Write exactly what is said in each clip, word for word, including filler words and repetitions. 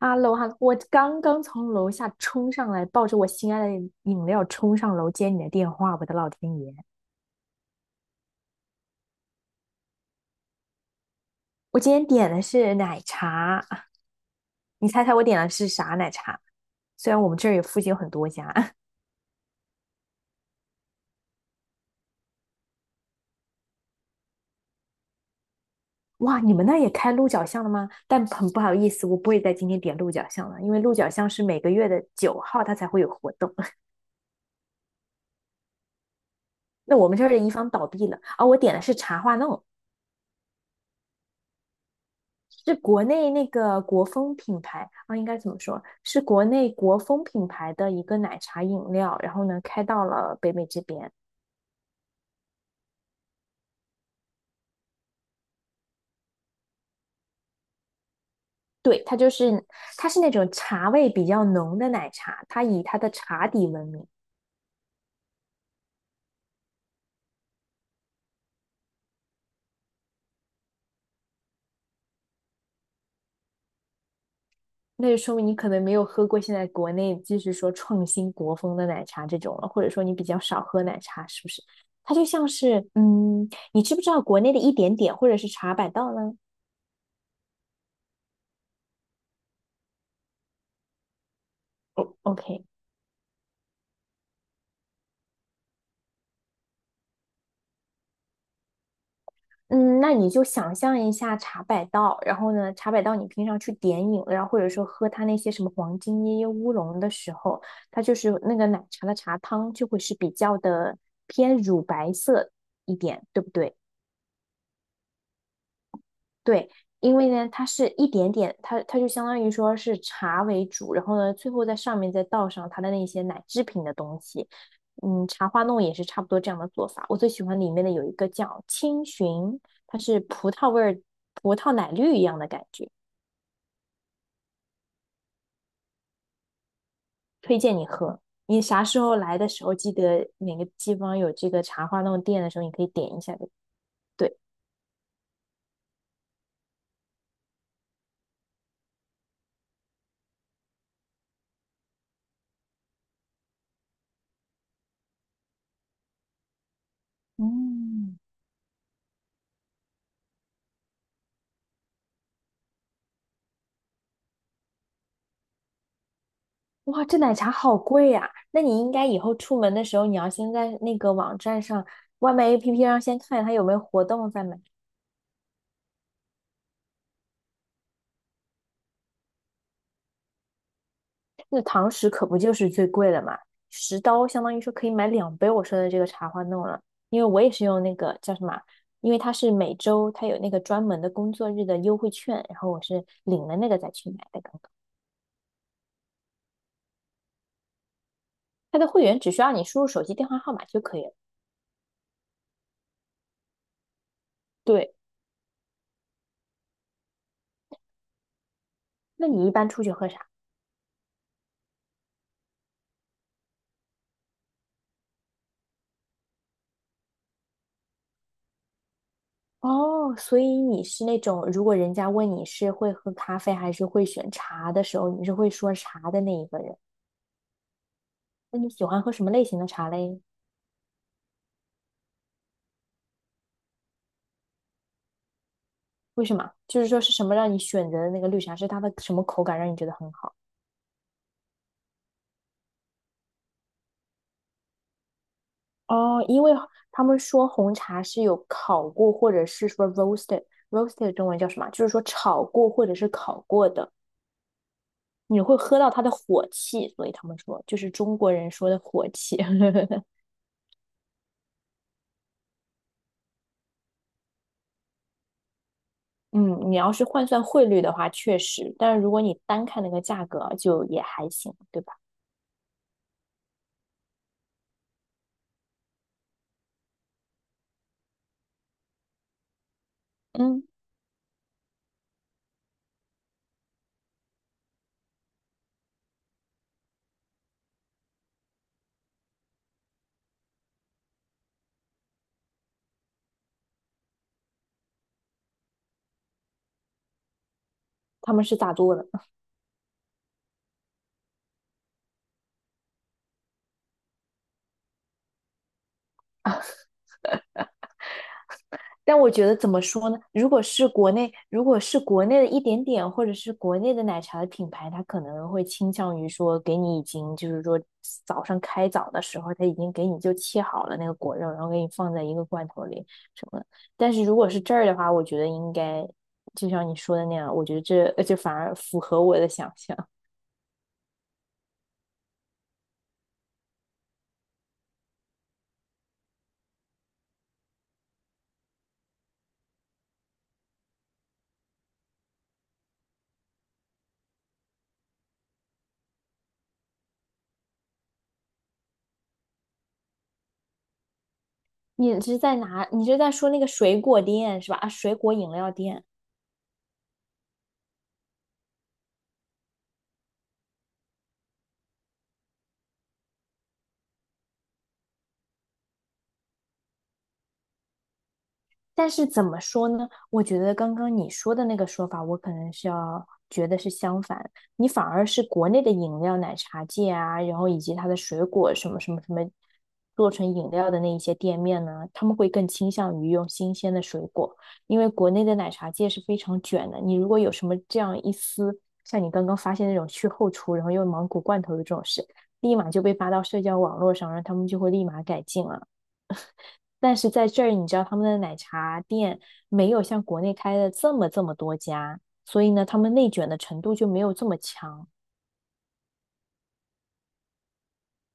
哈喽哈喽，我刚刚从楼下冲上来，抱着我心爱的饮料冲上楼接你的电话，我的老天爷！我今天点的是奶茶，你猜猜我点的是啥奶茶？虽然我们这儿也附近有很多家，哇，你们那儿也开鹿角巷了吗？但很不好意思，我不会在今天点鹿角巷了，因为鹿角巷是每个月的九号它才会有活动。那我们这儿的一方倒闭了啊，我点的是茶话弄。是国内那个国风品牌啊，应该怎么说？是国内国风品牌的一个奶茶饮料，然后呢开到了北美这边。对，它就是它是那种茶味比较浓的奶茶，它以它的茶底闻名。那就说明你可能没有喝过现在国内就是说创新国风的奶茶这种了，或者说你比较少喝奶茶，是不是？它就像是，嗯，你知不知道国内的一点点或者是茶百道呢哦 OK，嗯，那你就想象一下茶百道，然后呢，茶百道你平常去点饮料，或者说喝它那些什么黄金椰椰乌龙的时候，它就是那个奶茶的茶汤就会是比较的偏乳白色一点，对不对？对，因为呢，它是一点点，它它就相当于说是茶为主，然后呢，最后在上面再倒上它的那些奶制品的东西。嗯，茶花弄也是差不多这样的做法。我最喜欢里面的有一个叫青寻，它是葡萄味儿、葡萄奶绿一样的感觉，推荐你喝。你啥时候来的时候，记得哪个地方有这个茶花弄店的时候，你可以点一下的对，嗯。哇，这奶茶好贵呀、那你应该以后出门的时候，你要先在那个网站上、外卖 A P P 上先看它有没有活动再买。那堂食可不就是最贵的嘛，十刀相当于说可以买两杯我说的这个茶花弄了。因为我也是用那个叫什么，因为它是每周它有那个专门的工作日的优惠券，然后我是领了那个再去买的刚刚它的会员只需要你输入手机电话号码就可以了。对，那你一般出去喝啥？哦，所以你是那种，如果人家问你是会喝咖啡还是会选茶的时候，你是会说茶的那一个人。那你喜欢喝什么类型的茶嘞？为什么？就是说是什么让你选择的那个绿茶，是它的什么口感让你觉得很好？哦，因为他们说红茶是有烤过，或者是说 roasted，roasted 中文叫什么？就是说炒过或者是烤过的，你会喝到它的火气，所以他们说就是中国人说的火气。嗯，你要是换算汇率的话，确实，但是如果你单看那个价格，就也还行，对吧？嗯，他们是咋做的？但我觉得怎么说呢？如果是国内，如果是国内的一点点，或者是国内的奶茶的品牌，它可能会倾向于说给你已经就是说早上开早的时候，它已经给你就切好了那个果肉，然后给你放在一个罐头里什么的。但是如果是这儿的话，我觉得应该就像你说的那样，我觉得这这反而符合我的想象。你是在哪？你是在说那个水果店是吧？啊，水果饮料店。但是怎么说呢？我觉得刚刚你说的那个说法，我可能是要觉得是相反。你反而是国内的饮料、奶茶界啊，然后以及它的水果什么什么什么做成饮料的那一些店面呢，他们会更倾向于用新鲜的水果，因为国内的奶茶界是非常卷的。你如果有什么这样一丝，像你刚刚发现那种去后厨，然后用芒果罐头的这种事，立马就被发到社交网络上，然后他们就会立马改进了。但是在这儿，你知道他们的奶茶店没有像国内开的这么这么多家，所以呢，他们内卷的程度就没有这么强，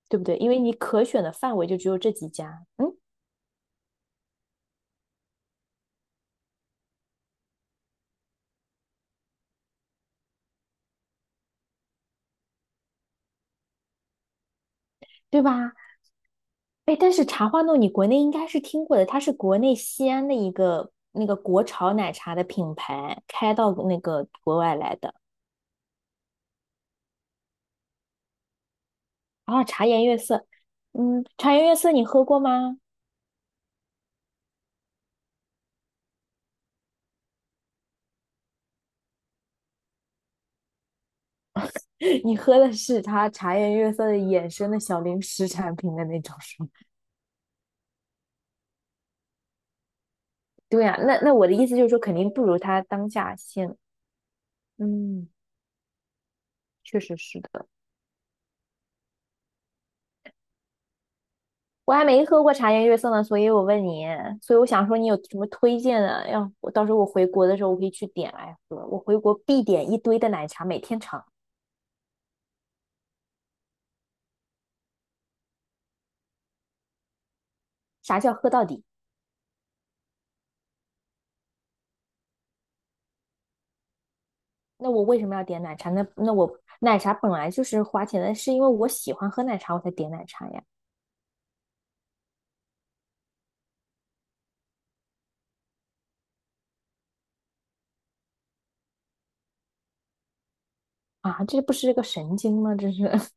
对不对？因为你可选的范围就只有这几家，嗯，对吧？哎，但是茶花弄你国内应该是听过的，它是国内西安的一个那个国潮奶茶的品牌开到那个国外来的。啊，茶颜悦色，嗯，茶颜悦色你喝过吗？你喝的是它茶颜悦色的衍生的小零食产品的那种是吗？对呀、那那我的意思就是说，肯定不如他当下鲜。嗯，确实是的。我还没喝过茶颜悦色呢，所以我问你，所以我想说你有什么推荐的？要我到时候我回国的时候，我可以去点来喝。我回国必点一堆的奶茶，每天尝。啥叫喝到底？那我为什么要点奶茶？那那我奶茶本来就是花钱的，是因为我喜欢喝奶茶我才点奶茶呀。啊，这不是个神经吗？这是，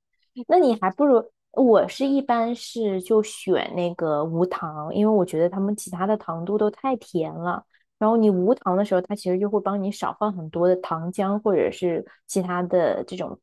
那你还不如我是一般是就选那个无糖，因为我觉得他们其他的糖度都太甜了。然后你无糖的时候，它其实就会帮你少放很多的糖浆或者是其他的这种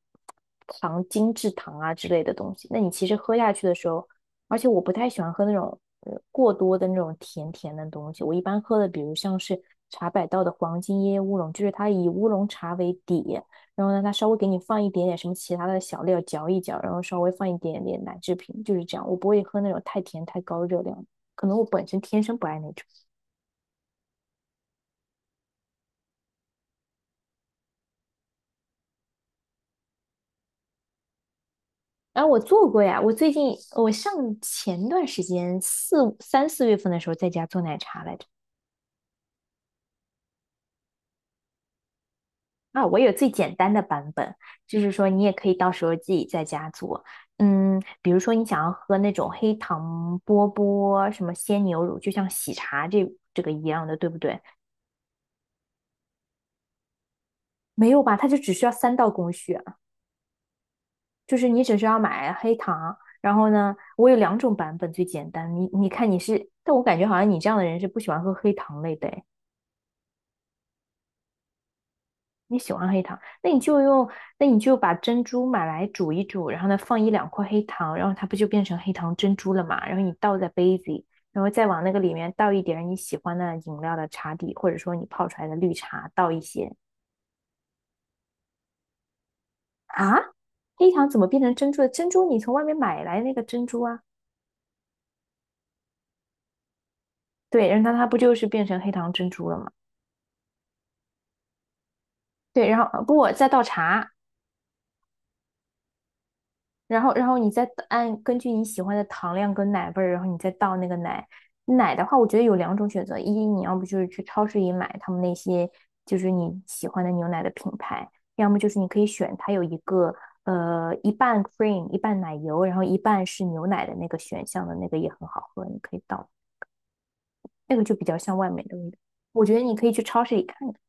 糖精制糖啊之类的东西。那你其实喝下去的时候，而且我不太喜欢喝那种呃过多的那种甜甜的东西，我一般喝的比如像是茶百道的黄金椰乌龙，就是它以乌龙茶为底。然后呢，它稍微给你放一点点什么其他的小料嚼一嚼，然后稍微放一点点奶制品，就是这样。我不会喝那种太甜太高热量的，可能我本身天生不爱那种。哎，我做过呀，我最近我上前段时间四三四月份的时候在家做奶茶来着。啊，我有最简单的版本，就是说你也可以到时候自己在家做。嗯，比如说你想要喝那种黑糖波波什么鲜牛乳，就像喜茶这这个一样的，对不对？没有吧？它就只需要三道工序，就是你只需要买黑糖，然后呢，我有两种版本最简单。你你看你是，但我感觉好像你这样的人是不喜欢喝黑糖类的诶，你喜欢黑糖，那你就用，那你就把珍珠买来煮一煮，然后呢放一两块黑糖，然后它不就变成黑糖珍珠了嘛？然后你倒在杯子里，然后再往那个里面倒一点你喜欢的饮料的茶底，或者说你泡出来的绿茶倒一些啊。黑糖怎么变成珍珠的？珍珠你从外面买来那个珍珠啊，对，然后它它不就是变成黑糖珍珠了吗？对，然后呃不，再倒茶，然后然后你再按根据你喜欢的糖量跟奶味儿，然后你再倒那个奶。奶的话，我觉得有两种选择，一你要不就是去超市里买他们那些就是你喜欢的牛奶的品牌，要么就是你可以选它有一个呃一半 cream 一半奶油，然后一半是牛奶的那个选项的那个也很好喝，你可以倒，那个就比较像外面的味道。我觉得你可以去超市里看看。